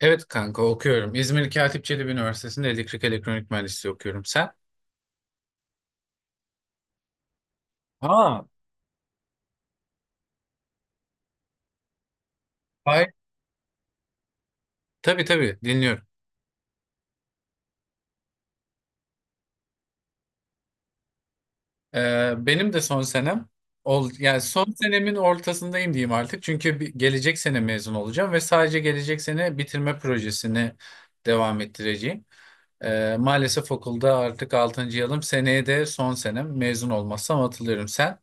Evet, kanka, okuyorum. İzmir Katip Çelebi Üniversitesi'nde elektrik elektronik mühendisliği okuyorum. Sen? Aa. Hayır. Tabii, tabii, dinliyorum. Benim de son senem yani son senemin ortasındayım diyeyim artık. Çünkü gelecek sene mezun olacağım ve sadece gelecek sene bitirme projesini devam ettireceğim. Maalesef okulda artık altıncı yılım. Seneye de son senem mezun olmazsam atılıyorum. Sen?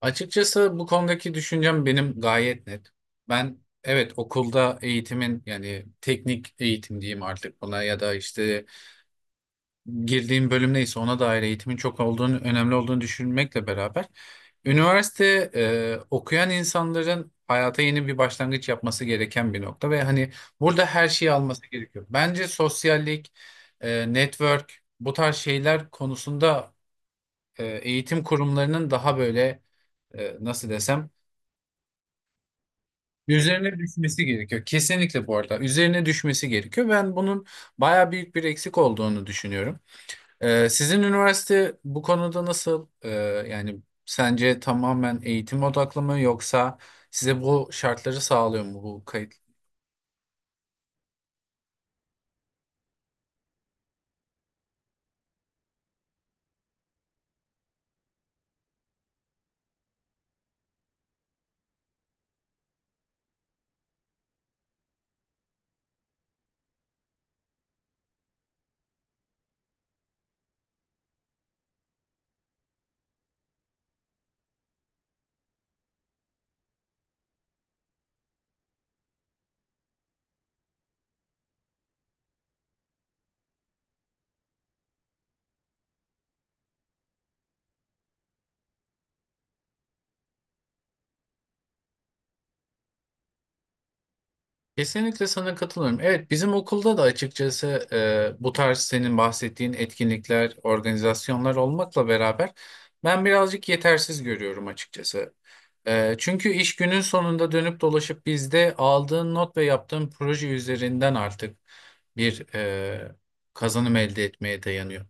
Açıkçası bu konudaki düşüncem benim gayet net. Ben evet okulda eğitimin, yani teknik eğitim diyeyim artık buna, ya da işte girdiğim bölüm neyse ona dair eğitimin çok olduğunu, önemli olduğunu düşünmekle beraber üniversite okuyan insanların hayata yeni bir başlangıç yapması gereken bir nokta ve hani burada her şeyi alması gerekiyor. Bence sosyallik, network, bu tarz şeyler konusunda eğitim kurumlarının daha böyle, nasıl desem. Üzerine düşmesi gerekiyor. Kesinlikle bu arada. Üzerine düşmesi gerekiyor. Ben bunun baya büyük bir eksik olduğunu düşünüyorum. Sizin üniversite bu konuda nasıl? Yani sence tamamen eğitim odaklı mı, yoksa size bu şartları sağlıyor mu bu kayıt? Kesinlikle sana katılıyorum. Evet, bizim okulda da açıkçası bu tarz senin bahsettiğin etkinlikler, organizasyonlar olmakla beraber, ben birazcık yetersiz görüyorum açıkçası. E, çünkü iş günün sonunda dönüp dolaşıp bizde aldığın not ve yaptığın proje üzerinden artık bir kazanım elde etmeye dayanıyor.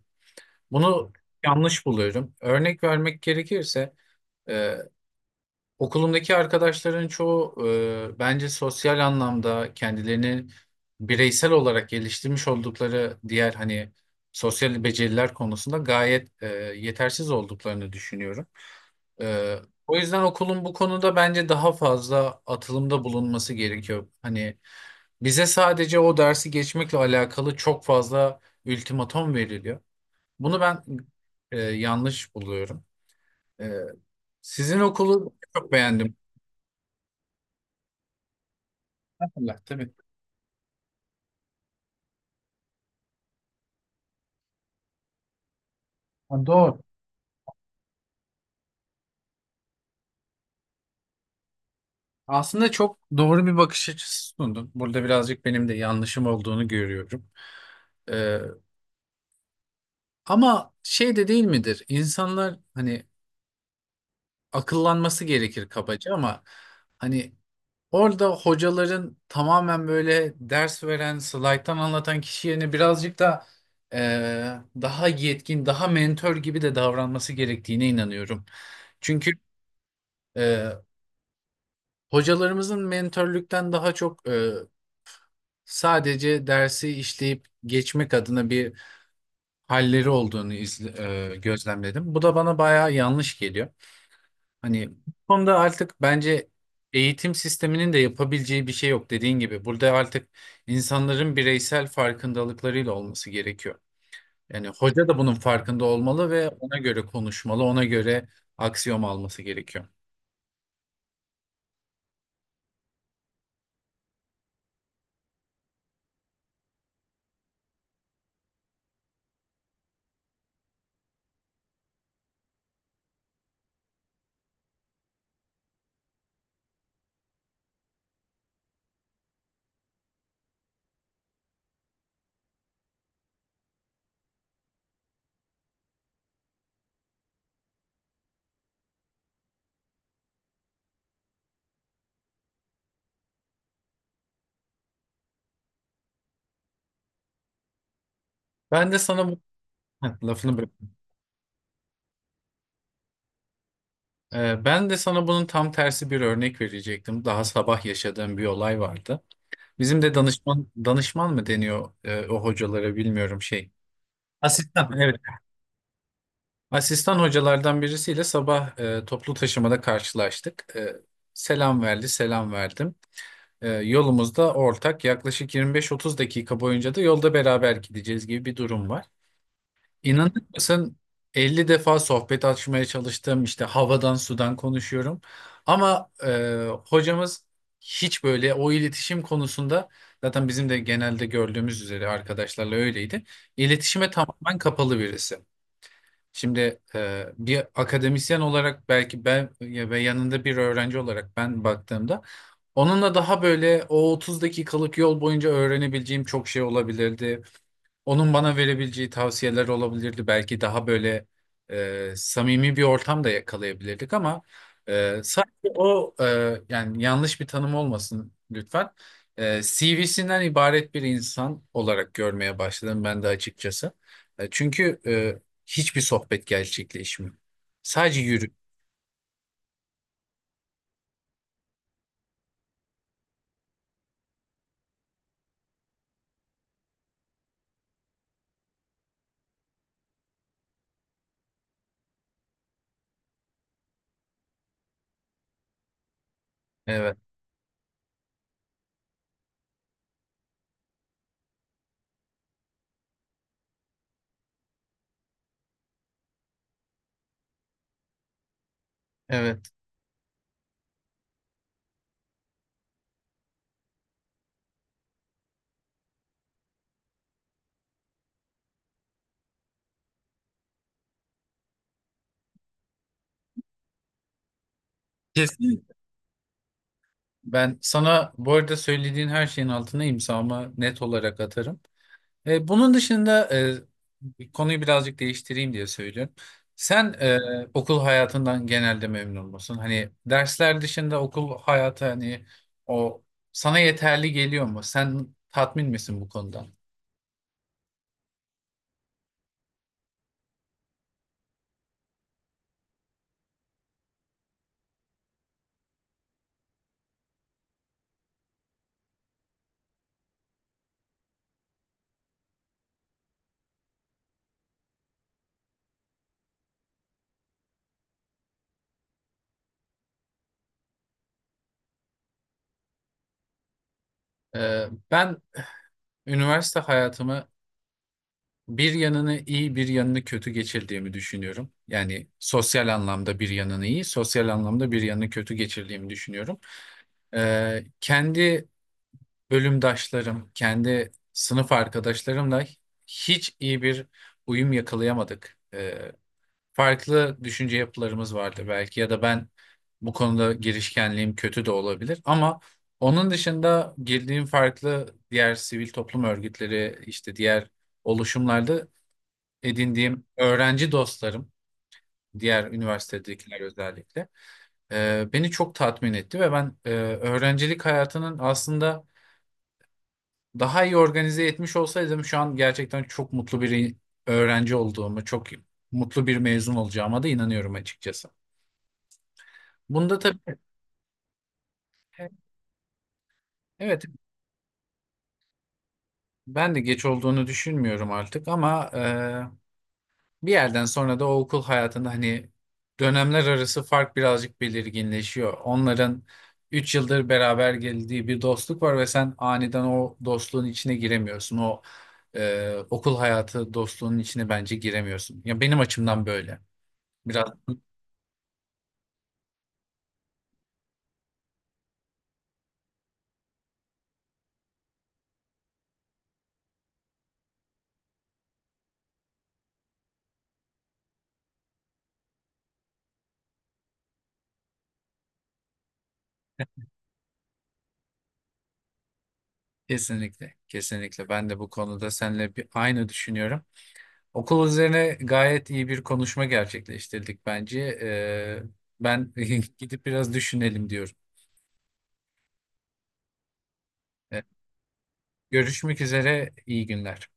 Bunu yanlış buluyorum. Örnek vermek gerekirse, e, okulumdaki arkadaşların çoğu, bence sosyal anlamda kendilerini bireysel olarak geliştirmiş oldukları diğer, hani sosyal beceriler konusunda gayet yetersiz olduklarını düşünüyorum. E, O yüzden okulun bu konuda bence daha fazla atılımda bulunması gerekiyor. Hani bize sadece o dersi geçmekle alakalı çok fazla ultimatom veriliyor. Bunu ben yanlış buluyorum. E, Sizin okulu çok beğendim. Allah tabii. Ha, doğru. Aslında çok doğru bir bakış açısı sundun. Burada birazcık benim de yanlışım olduğunu görüyorum. Ee, Ama şey de değil midir? İnsanlar, hani akıllanması gerekir kabaca, ama hani orada hocaların tamamen böyle ders veren, slayttan anlatan kişi yerine birazcık da e, daha yetkin, daha mentor gibi de davranması gerektiğine inanıyorum. Çünkü e, hocalarımızın mentorluktan daha çok sadece dersi işleyip geçmek adına bir halleri olduğunu gözlemledim. Bu da bana bayağı yanlış geliyor. Hani bu konuda artık bence eğitim sisteminin de yapabileceği bir şey yok, dediğin gibi. Burada artık insanların bireysel farkındalıklarıyla olması gerekiyor. Yani hoca da bunun farkında olmalı ve ona göre konuşmalı, ona göre aksiyon alması gerekiyor. Ben de sana bu... Heh, lafını bırak. Ben de sana bunun tam tersi bir örnek verecektim. Daha sabah yaşadığım bir olay vardı. Bizim de danışman danışman mı deniyor o hocalara, bilmiyorum şey. Asistan. Evet. Asistan hocalardan birisiyle sabah toplu taşımada karşılaştık. Selam verdi, selam verdim. Yolumuzda ortak yaklaşık 25-30 dakika boyunca da yolda beraber gideceğiz gibi bir durum var. İnanır mısın, 50 defa sohbet açmaya çalıştım, işte havadan sudan konuşuyorum ama hocamız hiç böyle o iletişim konusunda, zaten bizim de genelde gördüğümüz üzere arkadaşlarla öyleydi. İletişime tamamen kapalı birisi. Şimdi bir akademisyen olarak belki ve yanında bir öğrenci olarak ben baktığımda, onunla daha böyle o 30 dakikalık yol boyunca öğrenebileceğim çok şey olabilirdi. Onun bana verebileceği tavsiyeler olabilirdi. Belki daha böyle samimi bir ortam da yakalayabilirdik, ama sadece yani yanlış bir tanım olmasın lütfen. CV'sinden ibaret bir insan olarak görmeye başladım ben de açıkçası. Çünkü hiçbir sohbet gerçekleşmiyor. Sadece yürü. Evet, evet. Kesin. Ben sana bu arada söylediğin her şeyin altına imzamı net olarak atarım. Bunun dışında, konuyu birazcık değiştireyim diye söylüyorum. Sen okul hayatından genelde memnun musun? Hani dersler dışında okul hayatı, hani o sana yeterli geliyor mu? Sen tatmin misin bu konudan? E, Ben üniversite hayatımı bir yanını iyi, bir yanını kötü geçirdiğimi düşünüyorum. Yani sosyal anlamda bir yanını iyi, sosyal anlamda bir yanını kötü geçirdiğimi düşünüyorum. Kendi bölümdaşlarım, kendi sınıf arkadaşlarımla hiç iyi bir uyum yakalayamadık. Farklı düşünce yapılarımız vardı belki, ya da ben bu konuda girişkenliğim kötü de olabilir, ama onun dışında girdiğim farklı diğer sivil toplum örgütleri, işte diğer oluşumlarda edindiğim öğrenci dostlarım, diğer üniversitedekiler özellikle beni çok tatmin etti ve ben öğrencilik hayatının aslında daha iyi organize etmiş olsaydım, şu an gerçekten çok mutlu bir öğrenci olduğumu, çok mutlu bir mezun olacağıma da inanıyorum açıkçası. Bunda tabii evet, ben de geç olduğunu düşünmüyorum artık, ama bir yerden sonra da o okul hayatında hani dönemler arası fark birazcık belirginleşiyor. Onların 3 yıldır beraber geldiği bir dostluk var ve sen aniden o dostluğun içine giremiyorsun. O okul hayatı dostluğunun içine bence giremiyorsun. Ya, benim açımdan böyle. Biraz. Kesinlikle, kesinlikle. Ben de bu konuda seninle bir aynı düşünüyorum. Okul üzerine gayet iyi bir konuşma gerçekleştirdik bence. Ben gidip biraz düşünelim diyorum. Ee, Görüşmek üzere, iyi günler.